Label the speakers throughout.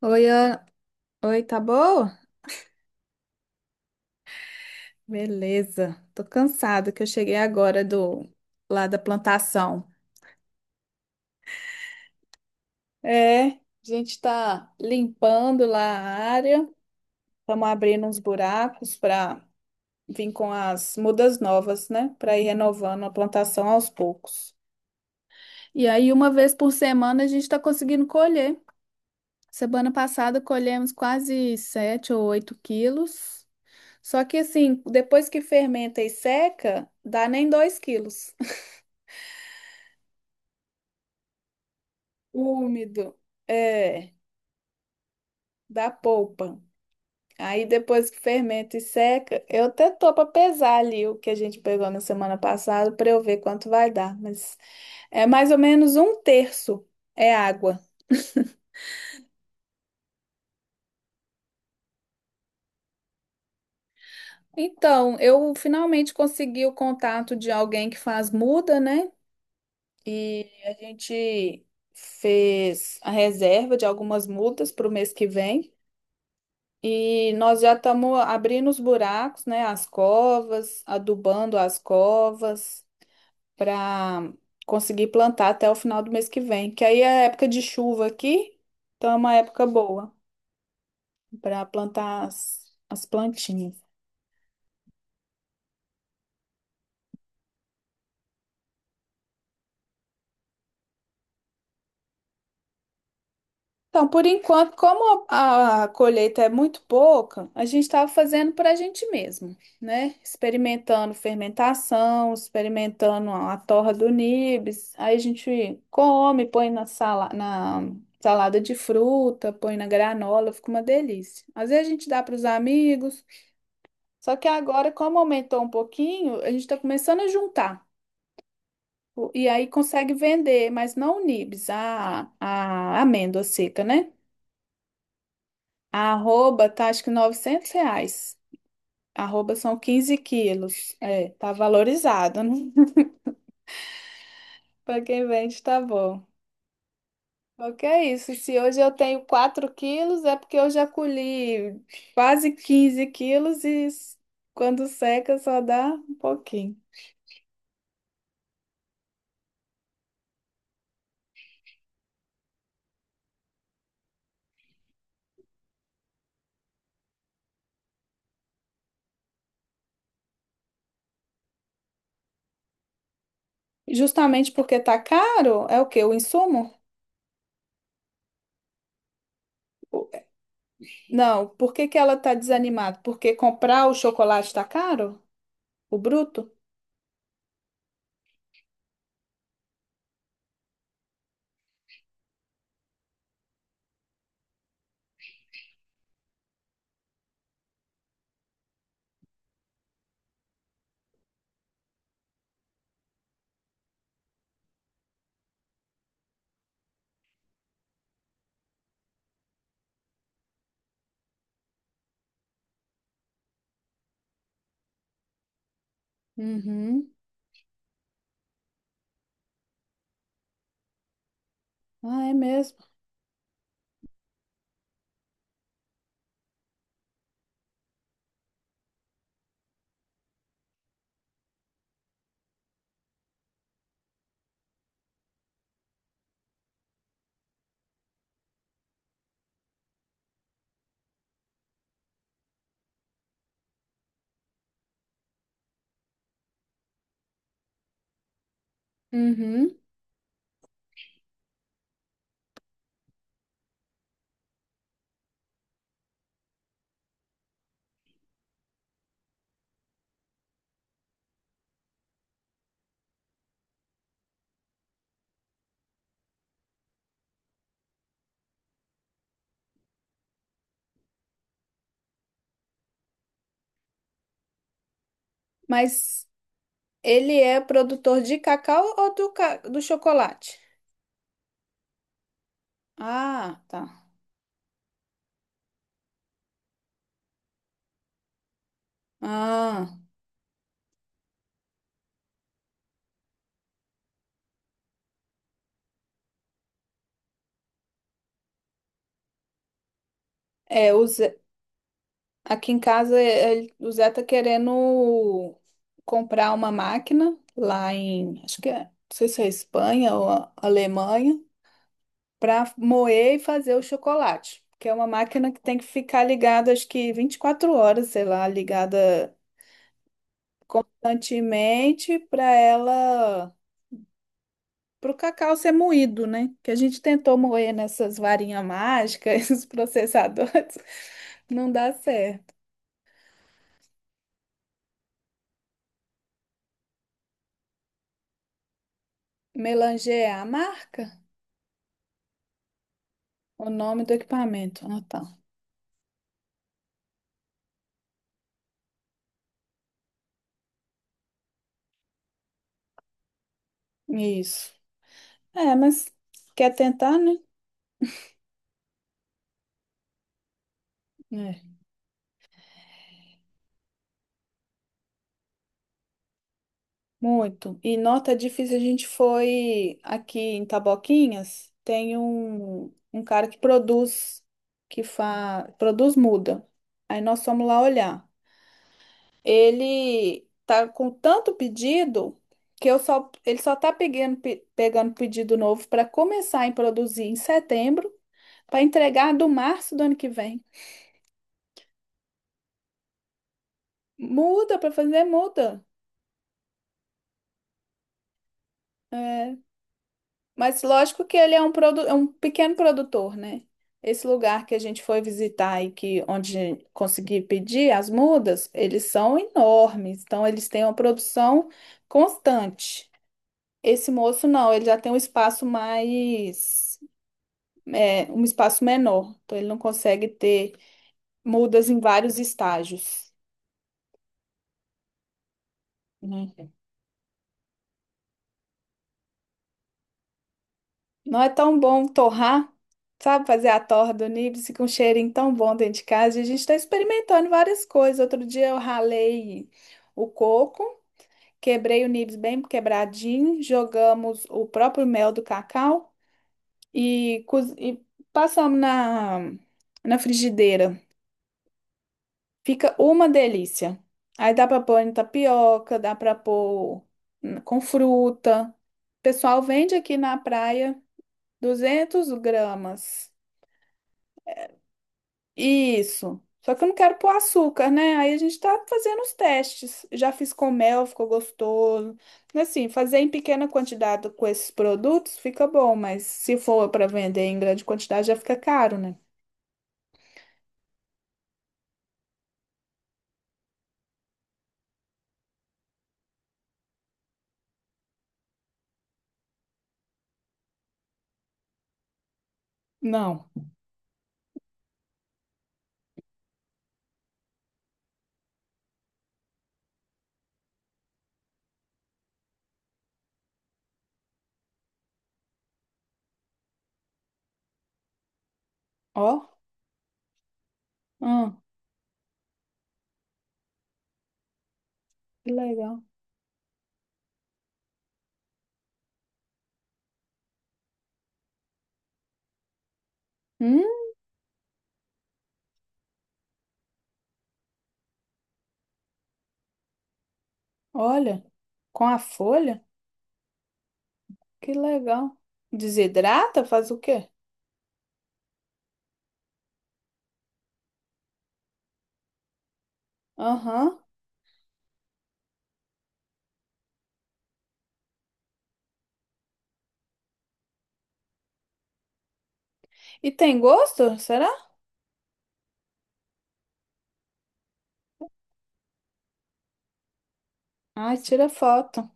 Speaker 1: Oi, Ana. Oi, tá boa? Beleza. Tô cansada que eu cheguei agora do lá da plantação. É, a gente tá limpando lá a área, estamos abrindo uns buracos para vir com as mudas novas, né? Para ir renovando a plantação aos poucos. E aí, uma vez por semana, a gente está conseguindo colher. Semana passada colhemos quase 7 ou 8 quilos. Só que assim, depois que fermenta e seca, dá nem 2 quilos. Úmido, é, da polpa. Aí depois que fermenta e seca, eu até tô para pesar ali o que a gente pegou na semana passada para eu ver quanto vai dar, mas é mais ou menos um terço é água. Então, eu finalmente consegui o contato de alguém que faz muda, né? E a gente fez a reserva de algumas mudas para o mês que vem. E nós já estamos abrindo os buracos, né, as covas, adubando as covas para conseguir plantar até o final do mês que vem, que aí é época de chuva aqui, então é uma época boa para plantar as plantinhas. Então, por enquanto, como a colheita é muito pouca, a gente estava fazendo para a gente mesmo, né? Experimentando fermentação, experimentando a torra do nibs. Aí a gente come, põe na, sala, na salada de fruta, põe na granola, fica uma delícia. Às vezes a gente dá para os amigos, só que agora, como aumentou um pouquinho, a gente está começando a juntar. E aí consegue vender, mas não o nibs, a amêndoa seca, né? A arroba tá acho que R$ 900. Arroba são 15 quilos. É, tá valorizado, né? Para quem vende, tá bom. O é isso? Se hoje eu tenho 4 quilos, é porque eu já colhi quase 15 quilos quando seca só dá um pouquinho. Justamente porque tá caro, é o quê? O insumo? O- Não, por que que ela tá desanimada? Porque comprar o chocolate tá caro? O bruto? Uhum. Ah, é mesmo. Uhum. Mas ele é produtor de cacau ou do, do chocolate? Ah, tá. Ah, é, aqui em casa o Zé tá querendo comprar uma máquina lá em, acho que é, não sei se é Espanha ou Alemanha, para moer e fazer o chocolate, que é uma máquina que tem que ficar ligada, acho que 24 horas, sei lá, ligada constantemente para o cacau ser moído, né? Que a gente tentou moer nessas varinhas mágicas, esses processadores, não dá certo. Melanger é a marca? O nome do equipamento. Ah, tá. Isso. É, mas quer tentar, né? É. Muito. E nota difícil, a gente foi aqui em Taboquinhas, tem um cara que produz, produz muda. Aí nós fomos lá olhar. Ele tá com tanto pedido que eu só, ele só tá pegando, pegando pedido novo para começar a produzir em setembro, para entregar do março do ano que vem. Muda para fazer, muda. É, mas lógico que ele é um, é um pequeno produtor, né? Esse lugar que a gente foi visitar e que onde consegui pedir as mudas, eles são enormes, então eles têm uma produção constante. Esse moço não, ele já tem um espaço mais é, um espaço menor, então ele não consegue ter mudas em vários estágios, né? Não é tão bom torrar, sabe, fazer a torra do níbice com um cheirinho tão bom dentro de casa. E a gente está experimentando várias coisas. Outro dia eu ralei o coco, quebrei o níbice bem quebradinho, jogamos o próprio mel do cacau e, e passamos na, na frigideira. Fica uma delícia. Aí dá pra pôr em tapioca, dá pra pôr com fruta. O pessoal vende aqui na praia 200 gramas. Isso. Só que eu não quero pôr açúcar, né? Aí a gente tá fazendo os testes. Já fiz com mel, ficou gostoso. Assim, fazer em pequena quantidade com esses produtos fica bom, mas se for para vender em grande quantidade já fica caro, né? Não. Ó, hum, que legal. Hum, olha, com a folha. Que legal. Desidrata? Faz o quê? Aham. E tem gosto? Será? Ai, tira foto.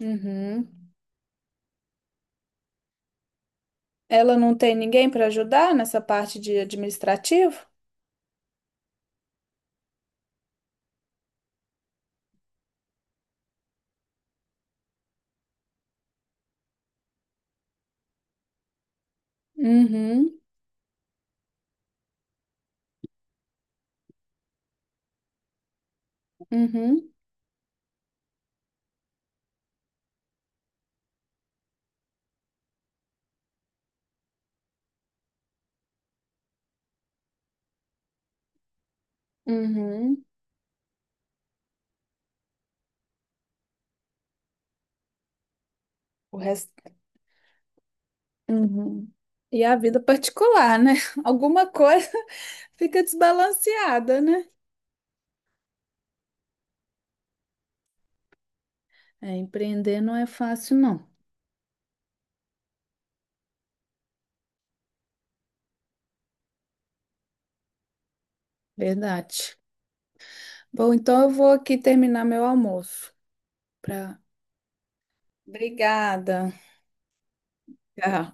Speaker 1: Uhum. Ela não tem ninguém para ajudar nessa parte de administrativo? Uhum. Uhum. Uhum. O resto. Uhum. E a vida particular, né? Alguma coisa fica desbalanceada, né? É, empreender não é fácil, não. Verdade. Bom, então eu vou aqui terminar meu almoço. Pra... Obrigada. Tchau.